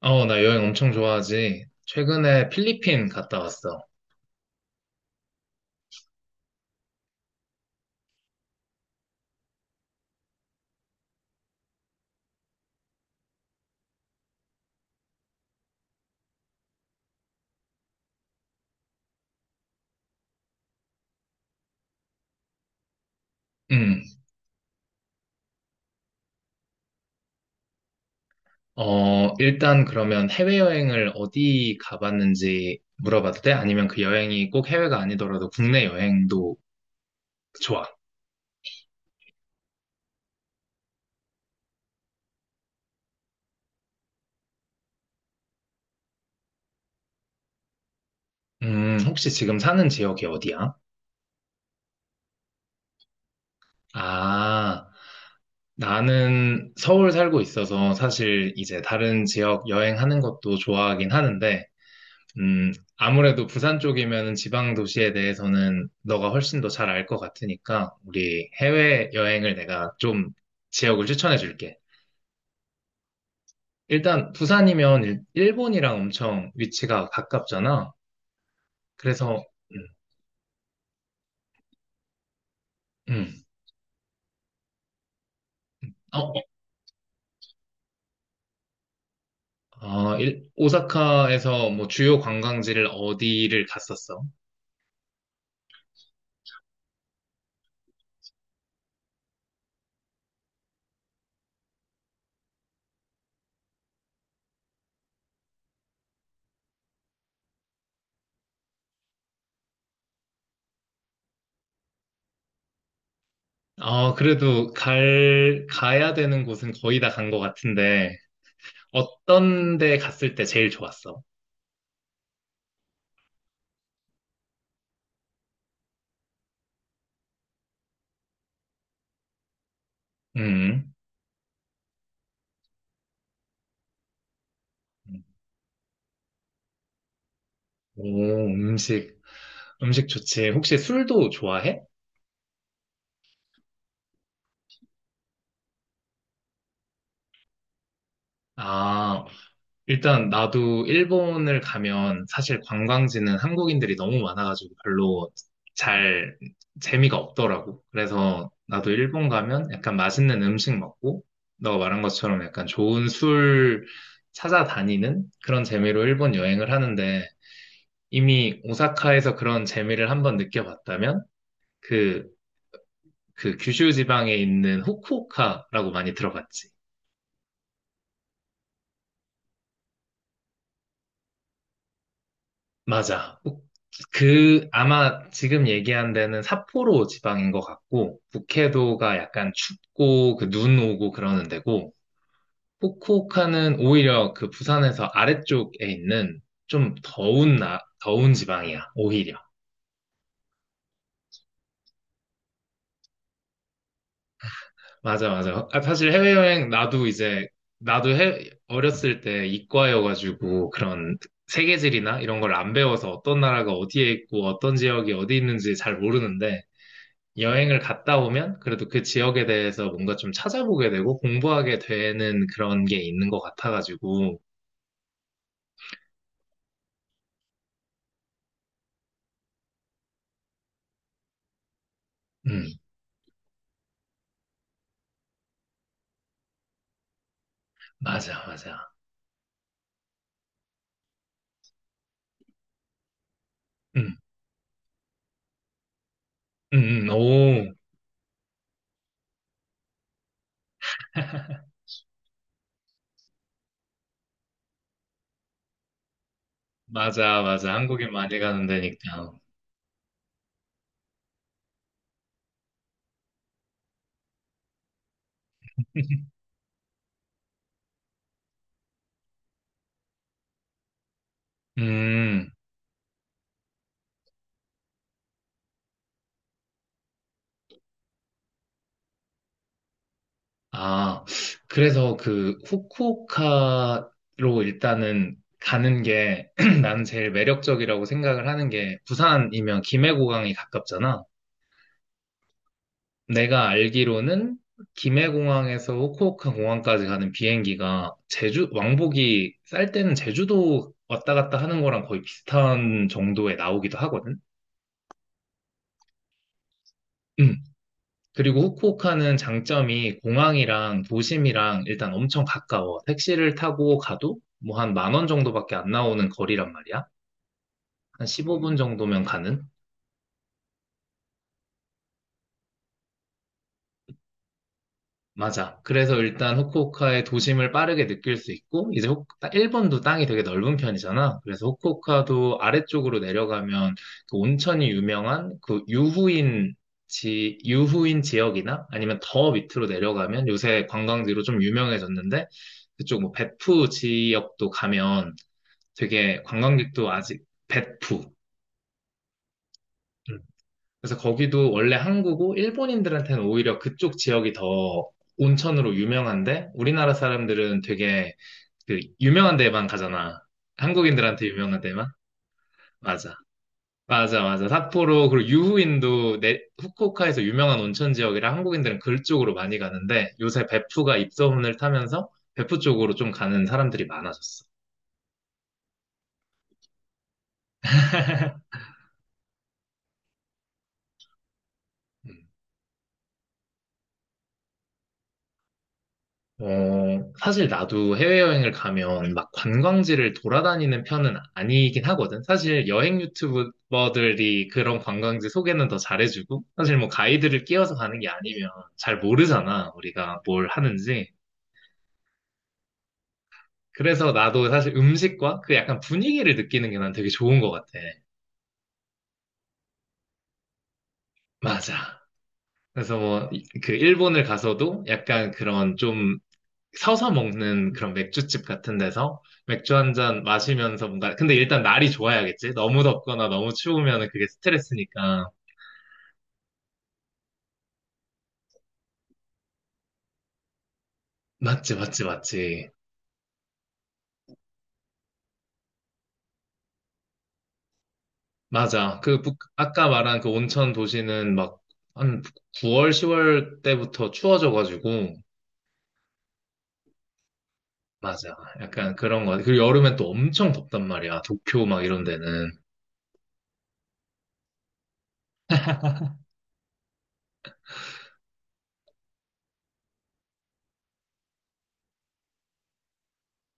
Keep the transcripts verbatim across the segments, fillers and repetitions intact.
어, 나 여행 엄청 좋아하지. 최근에 필리핀 갔다 왔어. 음. 어, 일단 그러면 해외여행을 어디 가봤는지 물어봐도 돼? 아니면 그 여행이 꼭 해외가 아니더라도 국내 여행도 좋아. 음, 혹시 지금 사는 지역이 어디야? 아, 나는 서울 살고 있어서 사실 이제 다른 지역 여행하는 것도 좋아하긴 하는데, 음, 아무래도 부산 쪽이면 지방 도시에 대해서는 너가 훨씬 더 잘 알 것 같으니까 우리 해외 여행을 내가 좀 지역을 추천해 줄게. 일단 부산이면 일- 일본이랑 엄청 위치가 가깝잖아. 그래서 음, 음. 어, 어, 아, 일- 오사카에서 뭐 주요 관광지를 어디를 갔었어? 아, 그래도 갈, 가야 되는 곳은 거의 다 간 것 같은데 어떤 데 갔을 때 제일 좋았어? 음. 오, 음식, 음식 좋지. 혹시 술도 좋아해? 아, 일단 나도 일본을 가면 사실 관광지는 한국인들이 너무 많아가지고 별로 잘 재미가 없더라고. 그래서 나도 일본 가면 약간 맛있는 음식 먹고, 너가 말한 것처럼 약간 좋은 술 찾아다니는 그런 재미로 일본 여행을 하는데, 이미 오사카에서 그런 재미를 한번 느껴봤다면, 그, 그 규슈 지방에 있는 후쿠오카라고 많이 들어봤지. 맞아. 북- 그, 아마 지금 얘기한 데는 삿포로 지방인 것 같고, 북해도가 약간 춥고, 그 눈 오고 그러는 데고, 후쿠오카는 오히려 그 부산에서 아래쪽에 있는 좀 더운 나, 더운 지방이야, 오히려. 맞아, 맞아. 아, 사실 해외여행, 나도 이제, 나도 해, 어렸을 때 이과여가지고, 그런 세계지리나 이런 걸 안 배워서 어떤 나라가 어디에 있고, 어떤 지역이 어디 있는지 잘 모르는데, 여행을 갔다 오면 그래도 그 지역에 대해서 뭔가 좀 찾아보게 되고 공부하게 되는 그런 게 있는 것 같아가지고, 음, 맞아, 맞아. 음, 음, 음, 오, 맞아, 맞아. 한국인 많이 가는 데니까. 음, 아, 그래서 그 후쿠오카로 일단은 가는 게 나는 제일 매력적이라고 생각을 하는 게 부산이면 김해고강이 가깝잖아. 내가 알기로는 김해공항에서 후쿠오카 공항까지 가는 비행기가 제주, 왕복이 쌀 때는 제주도 왔다 갔다 하는 거랑 거의 비슷한 정도에 나오기도 하거든? 음. 그리고 후쿠오카는 장점이 공항이랑 도심이랑 일단 엄청 가까워. 택시를 타고 가도 뭐 한 만원 정도밖에 안 나오는 거리란 말이야. 한 십오 분 정도면 가는? 맞아. 그래서 일단 후쿠오카의 도심을 빠르게 느낄 수 있고, 이제 후, 일본도 땅이 되게 넓은 편이잖아. 그래서 후쿠오카도 아래쪽으로 내려가면 그 온천이 유명한 그 유후인 지, 유후인 지역이나 아니면 더 밑으로 내려가면 요새 관광지로 좀 유명해졌는데, 그쪽 뭐 베푸 지역도 가면 되게 관광객도 아직 베푸. 음. 그래서 거기도 원래 한국고 일본인들한테는 오히려 그쪽 지역이 더 온천으로 유명한데 우리나라 사람들은 되게 그 유명한 데만 가잖아. 한국인들한테 유명한 데만? 맞아. 맞아, 맞아. 삿포로 그리고 유후인도 내, 후쿠오카에서 유명한 온천 지역이라 한국인들은 그쪽으로 많이 가는데 요새 베프가 입소문을 타면서 베프 쪽으로 좀 가는 사람들이 많아졌어. 음. 어, 사실 나도 해외여행을 가면 막 관광지를 돌아다니는 편은 아니긴 하거든. 사실 여행 유튜버들이 그런 관광지 소개는 더 잘해주고, 사실 뭐 가이드를 끼워서 가는 게 아니면 잘 모르잖아, 우리가 뭘 하는지. 그래서 나도 사실 음식과 그 약간 분위기를 느끼는 게 난 되게 좋은 것 같아. 맞아. 그래서 뭐, 이- 그 일본을 가서도 약간 그런 좀 서서 먹는 그런 맥주집 같은 데서 맥주 한 잔 마시면서 뭔가, 근데 일단 날이 좋아야겠지? 너무 덥거나 너무 추우면 그게 스트레스니까. 맞지, 맞지, 맞지. 맞아. 그, 북- 아까 말한 그 온천 도시는 막, 한 구월, 시월 때부터 추워져가지고, 맞아. 약간 그런 거 같아. 그리고 여름엔 또 엄청 덥단 말이야. 도쿄 막 이런 데는.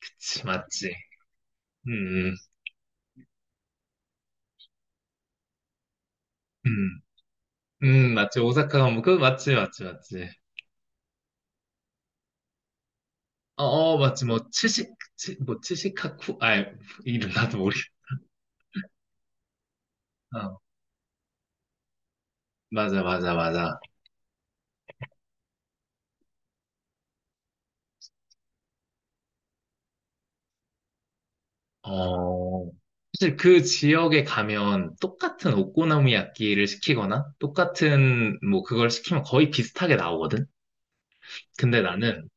그치, 맞지. 음, 음, 음, 음, 맞지. 오사카가 뭐, 그, 맞지, 맞지, 맞지. 어, 어, 맞지. 뭐, 츠시, 츠, 뭐, 츠시카쿠? 아, 이름 나도 모르겠 어, 맞아, 맞아, 맞아. 어, 사실 그 지역에 가면 똑같은 오코노미야끼를 시키거나 똑같은 뭐 그걸 시키면 거의 비슷하게 나오거든? 근데 나는,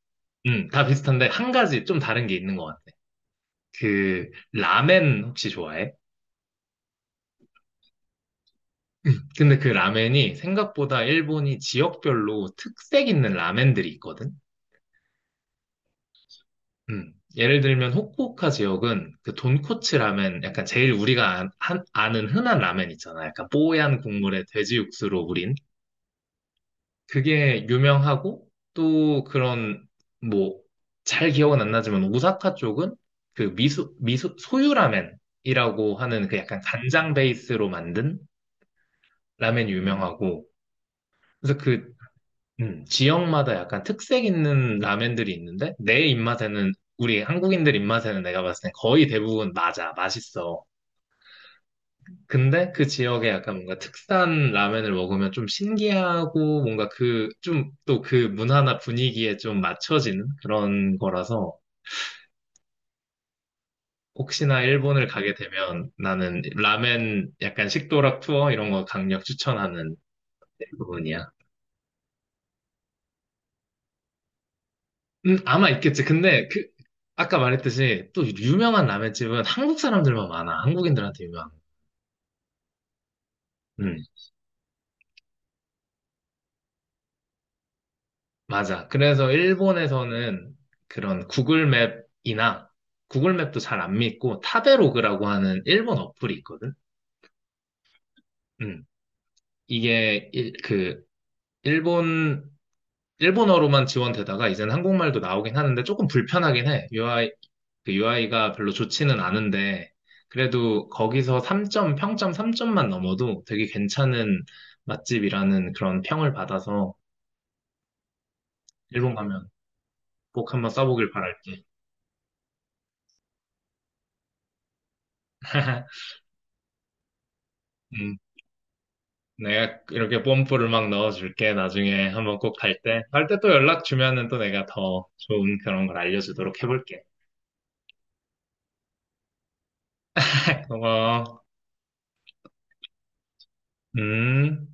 음, 다 비슷한데 한 가지 좀 다른 게 있는 것 같아. 그, 라멘 혹시 좋아해? 근데 그 라멘이 생각보다 일본이 지역별로 특색 있는 라멘들이 있거든? 음, 예를 들면 후쿠오카 지역은 그 돈코츠 라멘, 약간 제일 우리가 아, 한, 아는 흔한 라멘 있잖아. 약간 뽀얀 국물에 돼지 육수로 우린. 그게 유명하고 또 그런 뭐 잘 기억은 안 나지만 오사카 쪽은 그 미소 미소 소유 라멘이라고 하는 그 약간 간장 베이스로 만든 라멘 이 유명하고 그래서 그 음, 지역마다 약간 특색 있는 라면들이 있는데, 내 입맛에는, 우리 한국인들 입맛에는 내가 봤을 땐 거의 대부분 맞아, 맛있어. 근데 그 지역에 약간 뭔가 특산 라면을 먹으면 좀 신기하고, 뭔가 그, 좀 또 그 문화나 분위기에 좀 맞춰지는 그런 거라서, 혹시나 일본을 가게 되면 나는 라멘 약간 식도락 투어 이런 거 강력 추천하는 부분이야. 음, 아마 있겠지. 근데 그 아까 말했듯이 또 유명한 라멘집은 한국 사람들만 많아. 한국인들한테 유명한. 음, 맞아. 그래서 일본에서는 그런 구글맵이나 구글맵도 잘 안 믿고 타베로그라고 하는 일본 어플이 있거든. 음, 이게 일, 그 일본 일본어로만 지원되다가 이제는 한국말도 나오긴 하는데 조금 불편하긴 해. 유아이 그 유아이가 별로 좋지는 않은데, 그래도 거기서 삼 점, 평점 삼 점만 넘어도 되게 괜찮은 맛집이라는 그런 평을 받아서 일본 가면 꼭 한번 써보길 바랄게. 음, 내가 이렇게 뽐뿌를 막 넣어줄게. 나중에 한번 꼭 갈 때. 갈 때 또 연락 주면은 또 내가 더 좋은 그런 걸 알려주도록 해볼게. 고마워. 음.